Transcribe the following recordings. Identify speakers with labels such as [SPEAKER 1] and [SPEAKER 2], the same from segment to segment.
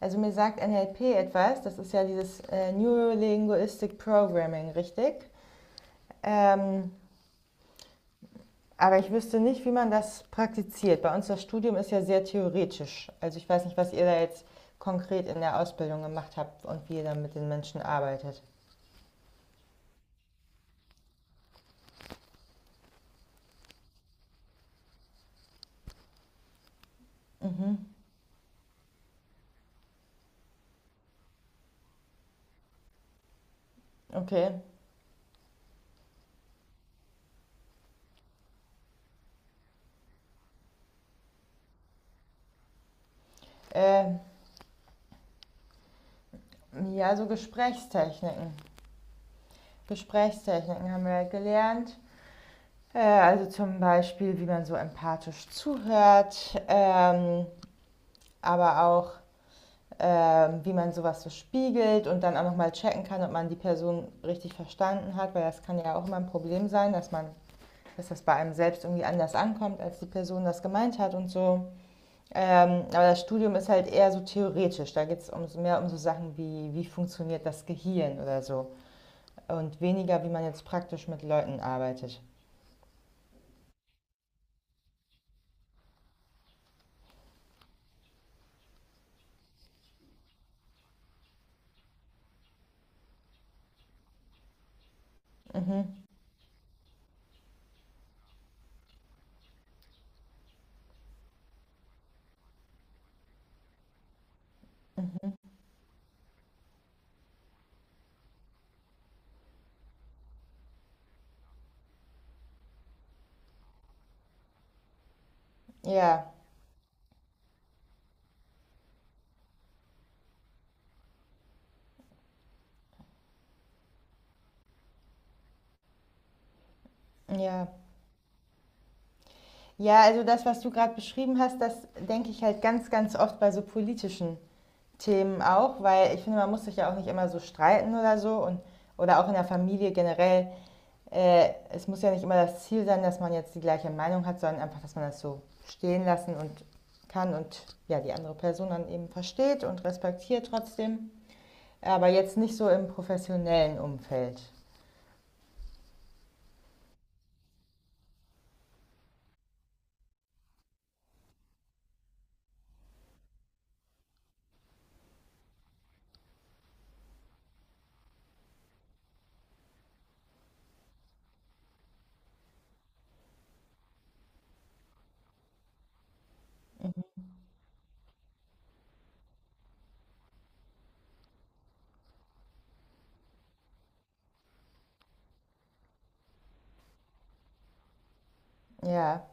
[SPEAKER 1] Also mir sagt NLP etwas, das ist ja dieses Neurolinguistic Programming, richtig? Ähm, aber ich wüsste nicht, wie man das praktiziert. Bei uns das Studium ist ja sehr theoretisch. Also ich weiß nicht, was ihr da jetzt konkret in der Ausbildung gemacht habt und wie ihr dann mit den Menschen arbeitet. Mhm. Okay. Äh, ja, so Gesprächstechniken. Gesprächstechniken haben wir halt gelernt. Also zum Beispiel, wie man so empathisch zuhört, aber auch wie man sowas so spiegelt und dann auch nochmal checken kann, ob man die Person richtig verstanden hat, weil das kann ja auch immer ein Problem sein, dass das bei einem selbst irgendwie anders ankommt, als die Person das gemeint hat und so. Aber das Studium ist halt eher so theoretisch. Da geht es um, so, mehr um so Sachen wie, wie funktioniert das Gehirn oder so. Und weniger, wie man jetzt praktisch mit Leuten arbeitet. Mhm. Mhm. Ja, ja. Ja, also das, was du gerade beschrieben hast, das denke ich halt ganz, ganz oft bei so politischen Themen auch, weil ich finde, man muss sich ja auch nicht immer so streiten oder so und oder auch in der Familie generell. Es muss ja nicht immer das Ziel sein, dass man jetzt die gleiche Meinung hat, sondern einfach, dass man das so stehen lassen und kann und ja die andere Person dann eben versteht und respektiert trotzdem. Aber jetzt nicht so im professionellen Umfeld. Ja,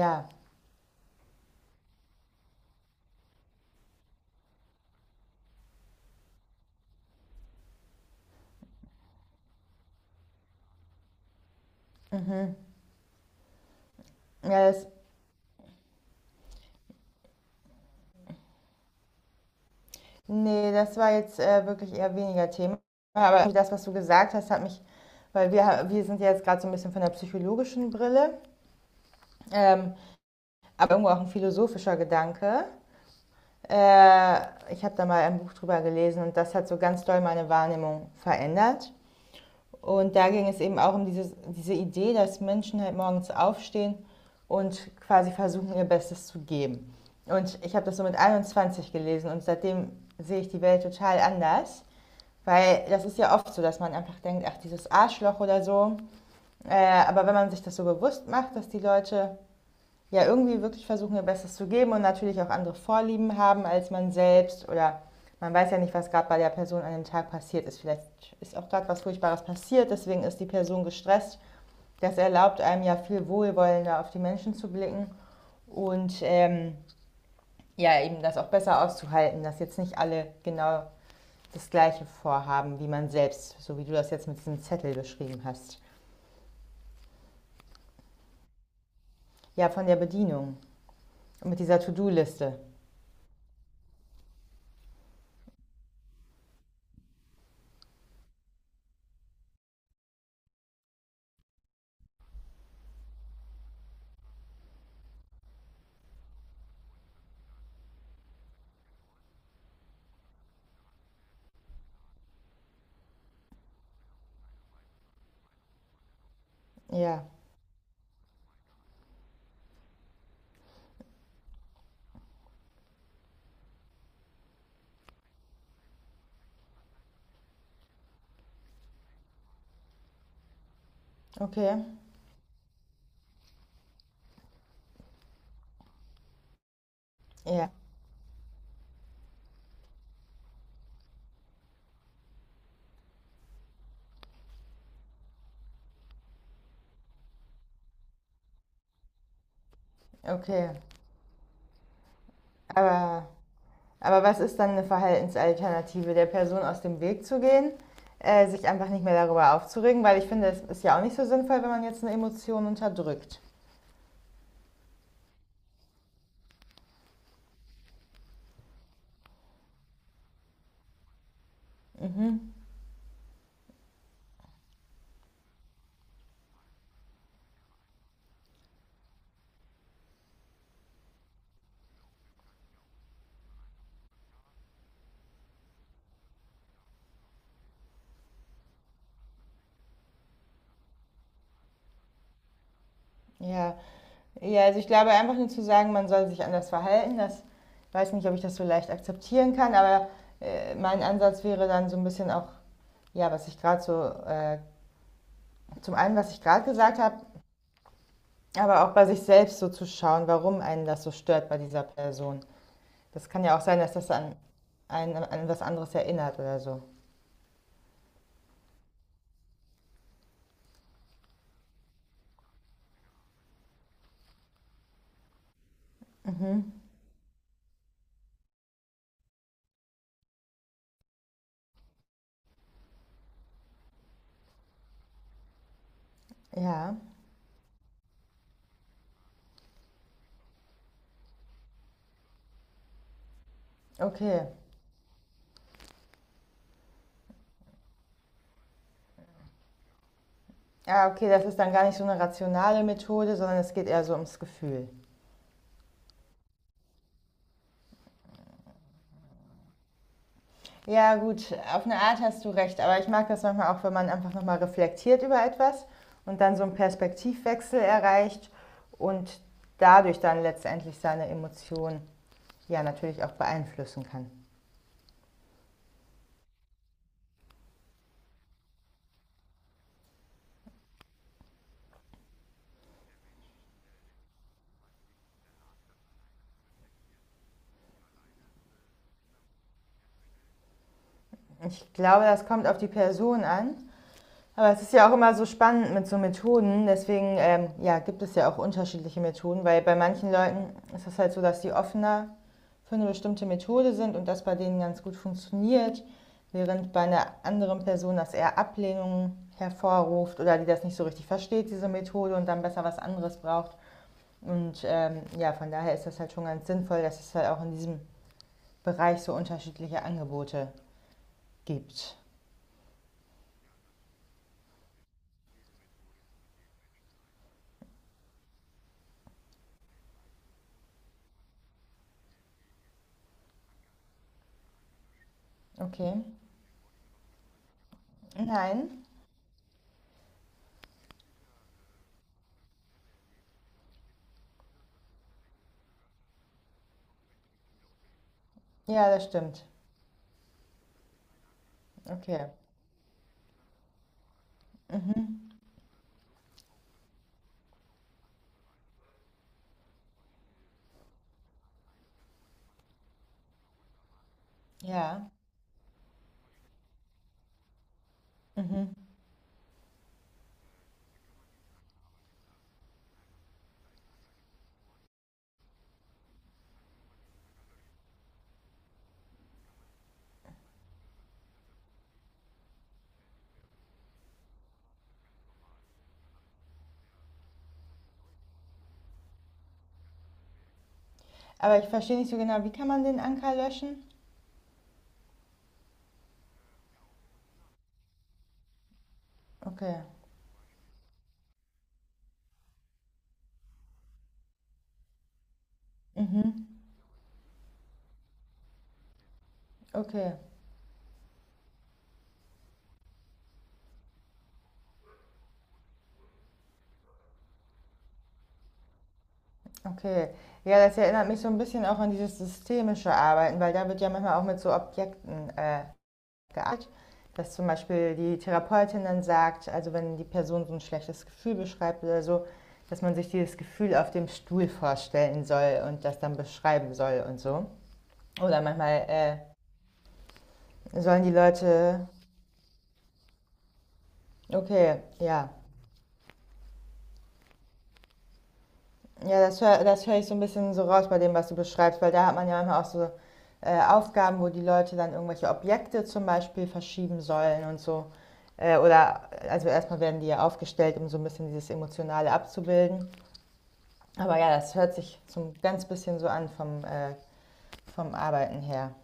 [SPEAKER 1] ja. Mhm. Ja, das. Ne, das war jetzt, wirklich eher weniger Thema. Aber das, was du gesagt hast, hat mich, weil wir sind ja jetzt gerade so ein bisschen von der psychologischen Brille, ähm, aber irgendwo auch ein philosophischer Gedanke. Äh, Ich habe da mal ein Buch drüber gelesen und das hat so ganz doll meine Wahrnehmung verändert. Und da ging es eben auch um diese Idee, dass Menschen halt morgens aufstehen und quasi versuchen, ihr Bestes zu geben. Und ich habe das so mit 21 gelesen und seitdem sehe ich die Welt total anders. Weil das ist ja oft so, dass man einfach denkt, ach, dieses Arschloch oder so. Aber wenn man sich das so bewusst macht, dass die Leute ja irgendwie wirklich versuchen, ihr Bestes zu geben und natürlich auch andere Vorlieben haben als man selbst oder man weiß ja nicht, was gerade bei der Person an dem Tag passiert ist. Vielleicht ist auch gerade was Furchtbares passiert, deswegen ist die Person gestresst. Das erlaubt einem ja viel wohlwollender auf die Menschen zu blicken und ja, eben das auch besser auszuhalten, dass jetzt nicht alle genau das gleiche Vorhaben wie man selbst, so wie du das jetzt mit diesem Zettel beschrieben hast. Ja, von der Bedienung und mit dieser To-Do-Liste. Ja, okay. Ja, okay. Aber, aber was ist dann eine Verhaltensalternative? Der Person aus dem Weg zu gehen? Sich einfach nicht mehr darüber aufzuregen, weil ich finde, es ist ja auch nicht so sinnvoll, wenn man jetzt eine Emotion unterdrückt. Ja. Ja, also ich glaube einfach nur zu sagen, man soll sich anders verhalten, das weiß nicht, ob ich das so leicht akzeptieren kann, aber mein Ansatz wäre dann so ein bisschen auch, ja, was ich gerade so, äh, zum einen, was ich gerade gesagt habe, aber auch bei sich selbst so zu schauen, warum einen das so stört bei dieser Person. Das kann ja auch sein, dass das an, einen an was anderes erinnert oder so. Ja, okay. Ja, okay, das ist dann gar nicht so eine rationale Methode, sondern es geht eher so ums Gefühl. Ja, gut, auf eine Art hast du recht, aber ich mag das manchmal auch, wenn man einfach nochmal reflektiert über etwas und dann so einen Perspektivwechsel erreicht und dadurch dann letztendlich seine Emotionen ja natürlich auch beeinflussen kann. Ich glaube, das kommt auf die Person an. Aber es ist ja auch immer so spannend mit so Methoden. Deswegen ja, gibt es ja auch unterschiedliche Methoden, weil bei manchen Leuten ist es halt so, dass die offener für eine bestimmte Methode sind und das bei denen ganz gut funktioniert, während bei einer anderen Person das eher Ablehnung hervorruft oder die das nicht so richtig versteht, diese Methode, und dann besser was anderes braucht. Und ja, von daher ist das halt schon ganz sinnvoll, dass es halt auch in diesem Bereich so unterschiedliche Angebote gibt. Okay. Nein. Ja, das stimmt. Okay. Mhm. Ja. Mhm. Aber ich verstehe nicht so genau, wie kann man den Anker löschen? Okay. Mhm. Okay. Okay. Ja, das erinnert mich so ein bisschen auch an dieses systemische Arbeiten, weil da wird ja manchmal auch mit so Objekten gearbeitet. Dass zum Beispiel die Therapeutin dann sagt, also wenn die Person so ein schlechtes Gefühl beschreibt oder so, dass man sich dieses Gefühl auf dem Stuhl vorstellen soll und das dann beschreiben soll und so. Oder manchmal sollen die Leute, okay, ja. Ja, das hör ich so ein bisschen so raus bei dem, was du beschreibst, weil da hat man ja manchmal auch so, Aufgaben, wo die Leute dann irgendwelche Objekte zum Beispiel verschieben sollen und so. Oder also, erstmal werden die ja aufgestellt, um so ein bisschen dieses Emotionale abzubilden. Aber ja, das hört sich so 'n ganz bisschen so an vom, vom Arbeiten her.